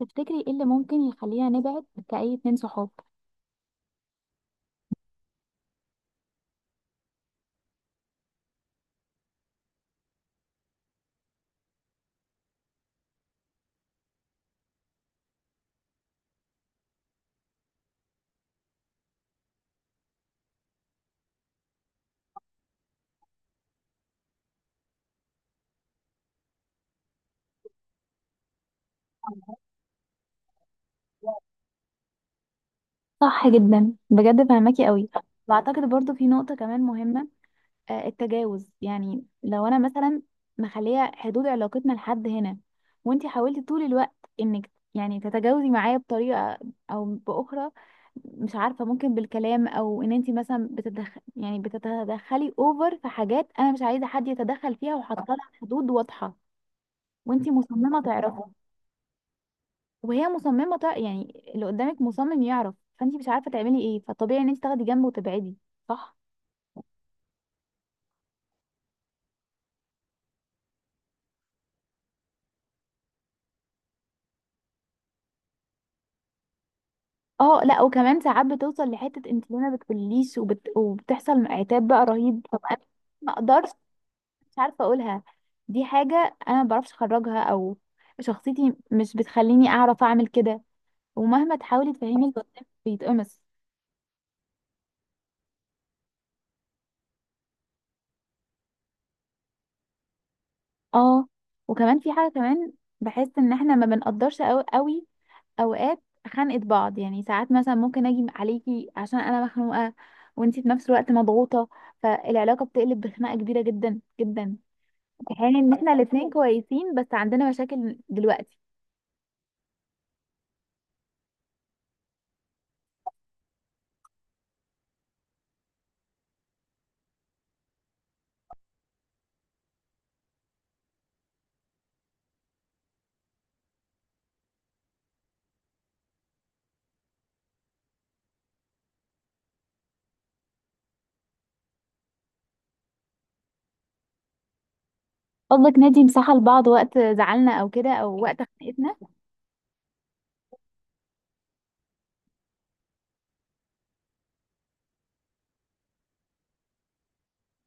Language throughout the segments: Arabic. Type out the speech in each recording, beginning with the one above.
تفتكري ايه اللي ممكن يخلينا نبعد كأي اتنين صحاب؟ صح جدا، بجد فهماكي قوي. واعتقد برضو في نقطة كمان مهمة. التجاوز، يعني لو انا مثلا مخلية حدود علاقتنا لحد هنا، وانتي حاولتي طول الوقت انك يعني تتجاوزي معايا بطريقة او باخرى. مش عارفة، ممكن بالكلام او ان انتي مثلا بتتدخل، يعني بتتدخلي اوفر في حاجات انا مش عايزة حد يتدخل فيها وحاطة لها حدود واضحة، وانتي مصممة تعرفي. يعني اللي قدامك مصمم يعرف، فانت مش عارفه تعملي ايه، فطبيعي ان انت تاخدي جنب وتبعدي. صح. اه، لا، وكمان ساعات بتوصل لحته انت ليه ما بتقوليش، وبتحصل عتاب بقى رهيب. طب انا ما اقدرش، مش عارفه اقولها. دي حاجه انا ما بعرفش اخرجها، او شخصيتي مش بتخليني اعرف اعمل كده. ومهما تحاولي تفهمي اللي قدامك بيتقمص. اه. وكمان في حاجه كمان، بحس ان احنا ما بنقدرش قوي اوقات خنقة بعض. يعني ساعات مثلا ممكن اجي عليكي عشان انا مخنوقة، وانتي في نفس الوقت مضغوطة، فالعلاقة بتقلب بخناقة كبيرة جدا جدا، في حين ان احنا الاتنين كويسين بس عندنا مشاكل دلوقتي. قصدك ندي مساحة لبعض وقت زعلنا او كده، او وقت خناقتنا.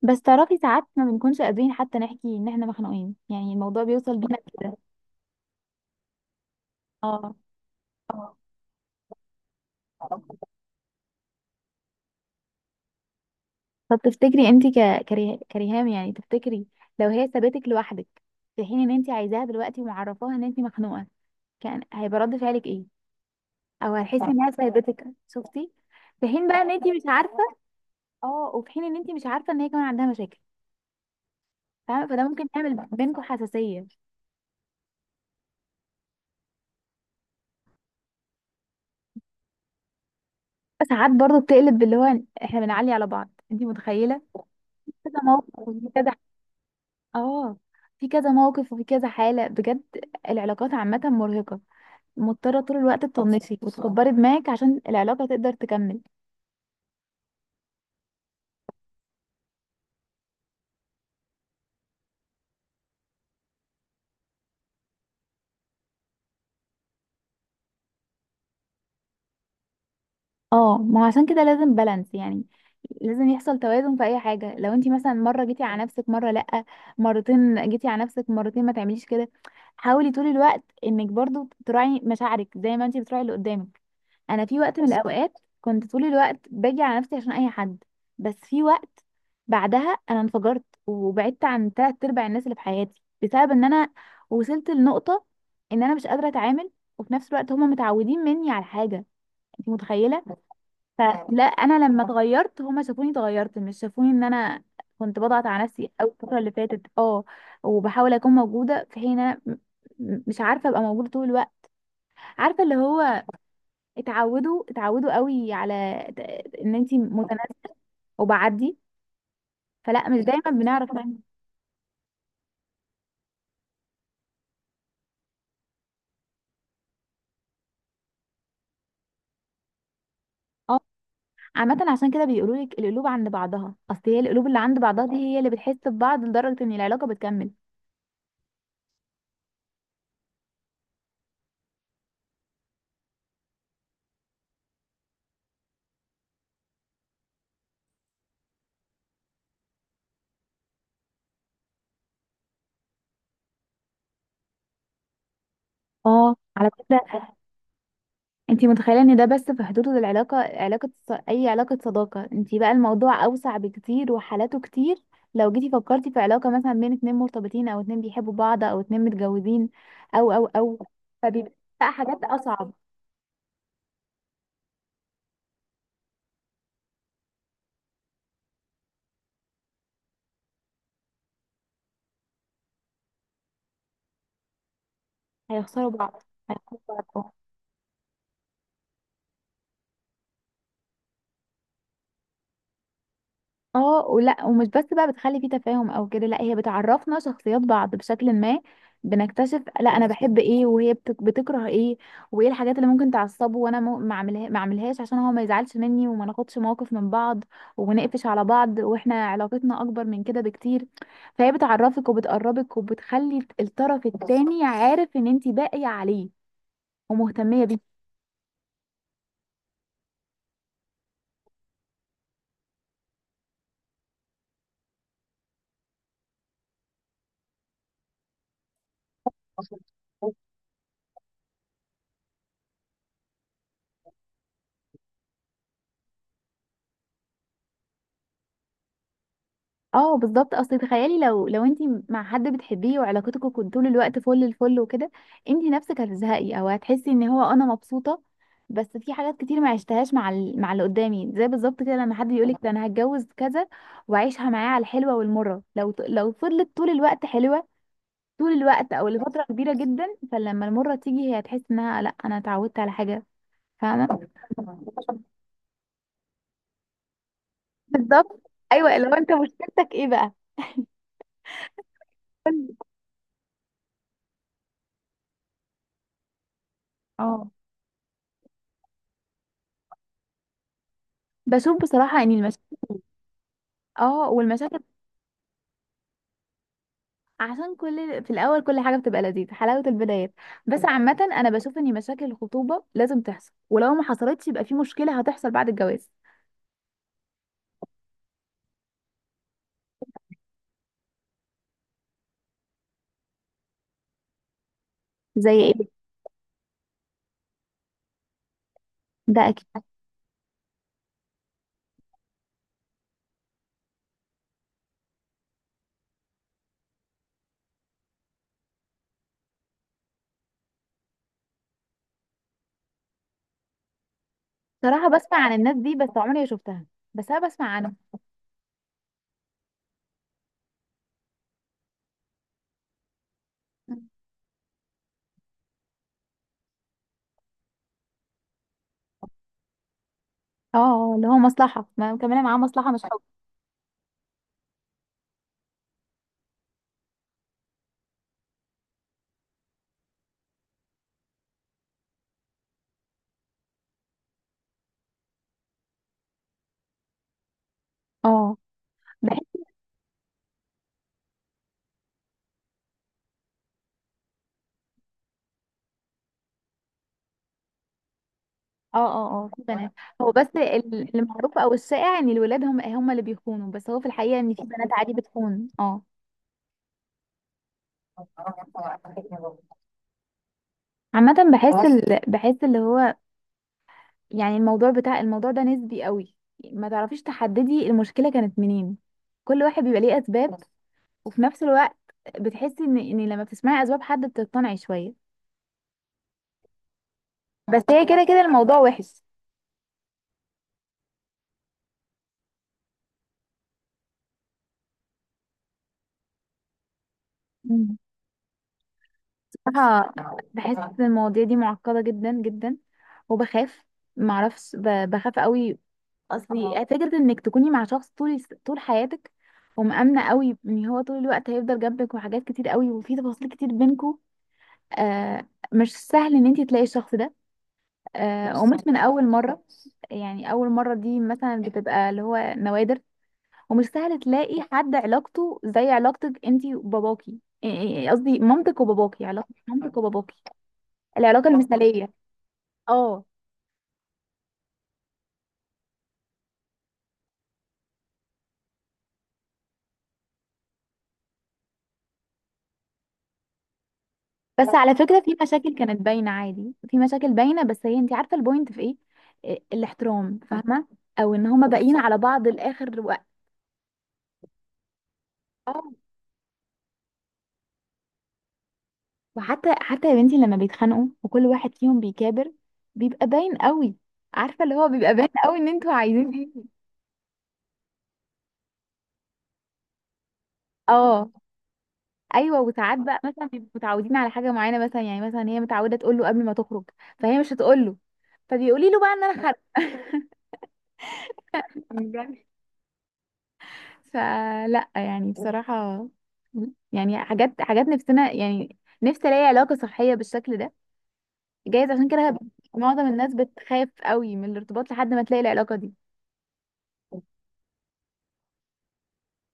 بس تعرفي ساعات ما بنكونش قادرين حتى نحكي ان احنا مخنوقين، يعني الموضوع بيوصل بينا كده. اه. طب تفتكري انت كريهام، يعني تفتكري لو هي سابتك لوحدك في حين ان انت عايزاها دلوقتي ومعرفاها ان انت مخنوقه، كان هيبقى رد فعلك ايه؟ او هتحسي صح انها سابتك؟ شفتي؟ في حين بقى ان انت مش عارفه. اه، وفي حين ان انت مش عارفه ان هي كمان عندها مشاكل، فاهمه؟ فده ممكن يعمل بينكم حساسيه. ساعات برضو بتقلب باللي هو احنا بنعلي على بعض، انت متخيله؟ كذا موقف وفي كذا. اه. في كذا موقف وفي كذا حاله، بجد. العلاقات عامه مرهقه، مضطرة طول الوقت تطنشي وتكبري دماغك عشان العلاقة تقدر تكمل. اه، ما هو عشان كده لازم بالانس، يعني لازم يحصل توازن في اي حاجة. لو انتي مثلا مرة جيتي على نفسك مرة لأ، مرتين جيتي على نفسك مرتين ما تعمليش كده. حاولي طول الوقت انك برضو تراعي مشاعرك زي ما انتي بتراعي اللي قدامك. انا في وقت من الاوقات كنت طول الوقت باجي على نفسي عشان اي حد، بس في وقت بعدها انا انفجرت وبعدت عن تلات ارباع الناس اللي في حياتي، بسبب ان انا وصلت لنقطة ان انا مش قادرة اتعامل، وفي نفس الوقت هما متعودين مني على حاجة. انت متخيلة؟ فلا انا لما اتغيرت هما شافوني اتغيرت، مش شافوني ان انا كنت بضغط على نفسي أوي الفترة اللي فاتت. اه. وبحاول اكون موجودة في حين انا مش عارفة ابقى موجودة طول الوقت. عارفة اللي هو، اتعودوا اتعودوا قوي على ان انت متناسقه، وبعدي. فلا مش دايما بنعرف نعمل. اه. عامه عشان كده بيقولوا لك القلوب عند بعضها، اصل هي القلوب اللي عند بعضها دي هي اللي بتحس ببعض لدرجه ان العلاقه بتكمل. اه، على فكره انت متخيله ان ده بس في حدود العلاقه، اي علاقه صداقه؟ انت بقى الموضوع اوسع بكتير وحالاته كتير. لو جيتي فكرتي في علاقه مثلا بين اتنين مرتبطين، او اتنين بيحبوا بعض، او اتنين متجوزين، او، فبيبقى حاجات اصعب. هيخسروا بعض. هيخسروا بعض، اه. اه، ولا ومش بس بقى بتخلي فيه تفاهم او كده، لا هي بتعرفنا شخصيات بعض بشكل ما. بنكتشف لا انا بحب ايه، بتكره ايه، وايه الحاجات اللي ممكن تعصبه، وانا ما اعملهاش عشان هو ما يزعلش مني، وما ناخدش موقف من بعض ونقفش على بعض، واحنا علاقتنا اكبر من كده بكتير. فهي بتعرفك وبتقربك وبتخلي الطرف التاني عارف ان انت باقية عليه ومهتمية بيه. اه، بالظبط. اصل تخيلي لو انت مع حد بتحبيه وعلاقتكم كنت طول الوقت فل الفل وكده، انت نفسك هتزهقي او هتحسي ان هو انا مبسوطه، بس في حاجات كتير ما عشتهاش مع مع اللي قدامي. زي بالظبط كده، لما حد يقولك ده انا هتجوز كذا، وعيشها معاه على الحلوه والمره. لو فضلت طول الوقت حلوه طول الوقت، او لفتره كبيره جدا، فلما المره تيجي هي هتحس انها لا انا اتعودت على حاجه. فاهمه؟ بالظبط. ايوه، لو انت مشكلتك ايه بقى. اه، بشوف بصراحه، يعني المشاكل. اه، والمشاكل. عشان كل في الاول كل حاجه بتبقى لذيذه، حلاوه البدايات. بس عامه انا بشوف ان مشاكل الخطوبه لازم تحصل، ولو ما حصلتش يبقى في مشكله هتحصل بعد الجواز. زي ايه؟ ده اكيد. صراحه بسمع عن الناس دي بس عمري ما شفتها، بس انا بسمع عنهم. اه. اللي هو مصلحه، ما مكمله معاه مصلحه مش حب. اه، بحس. اه، اه، اه، في بنات. هو بس المعروف او الشائع ان الولاد هم اللي بيخونوا، بس هو في الحقيقه ان في بنات عادي بتخون. اه. عامه بحس بحس اللي هو، يعني الموضوع بتاع الموضوع ده نسبي قوي. ما تعرفيش تحددي المشكلة كانت منين. كل واحد بيبقى ليه أسباب، وفي نفس الوقت بتحسي إن لما بتسمعي أسباب حد بتقتنعي شوية. بس هي كده كده الموضوع وحش. مم. بصراحة بحس إن المواضيع دي معقدة جدا جدا، وبخاف. معرفش، بخاف قوي. أصلي فكرة إنك تكوني مع شخص طول حياتك، ومأمنة قوي إن هو طول الوقت هيفضل جنبك، وحاجات كتير قوي وفي تفاصيل كتير بينكو. آه، مش سهل إن أنت تلاقي الشخص ده. قمت من اول مره. يعني اول مره دي مثلا بتبقى اللي هو نوادر، ومش سهل تلاقي حد علاقته زي علاقتك انتي وباباكي. إيه- إيه، إيه، قصدي مامتك وباباكي، علاقه مامتك وباباكي، العلاقه المثاليه. اه، بس على فكره في مشاكل كانت باينه، عادي في مشاكل باينه، بس هي انتي عارفه البوينت في ايه؟ الاحترام، فاهمه؟ او ان هما باقيين على بعض لاخر وقت. وحتى يا بنتي لما بيتخانقوا وكل واحد فيهم بيكابر بيبقى باين قوي، عارفه اللي هو؟ بيبقى باين قوي ان انتوا عايزين ايه. اه. ايوه. وساعات بقى مثلا بيبقوا متعودين على حاجه معينه، مثلا يعني مثلا هي متعوده تقول له قبل ما تخرج، فهي مش هتقول له، فبيقولي له بقى ان انا خارجه. فلا يعني بصراحه، يعني حاجات نفسنا، يعني نفسي الاقي علاقه صحيه بالشكل ده. جايز عشان كده معظم الناس بتخاف قوي من الارتباط لحد ما تلاقي العلاقه دي.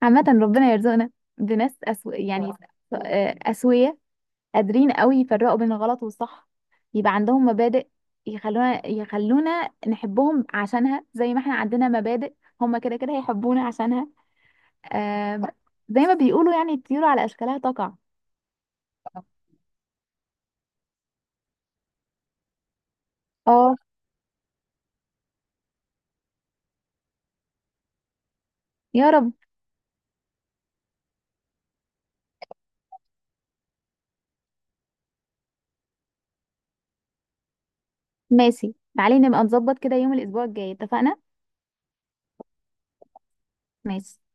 عامة ربنا يرزقنا بناس يعني، أسوية، قادرين قوي يفرقوا بين الغلط والصح، يبقى عندهم مبادئ، يخلونا نحبهم عشانها، زي ما احنا عندنا مبادئ هما كده كده هيحبونا عشانها. آه... ب- زي ما بيقولوا يعني الطيور على أشكالها تقع. اه، يا رب. ماشي، تعالي نبقى نظبط كده يوم الأسبوع الجاي، اتفقنا؟ ماشي.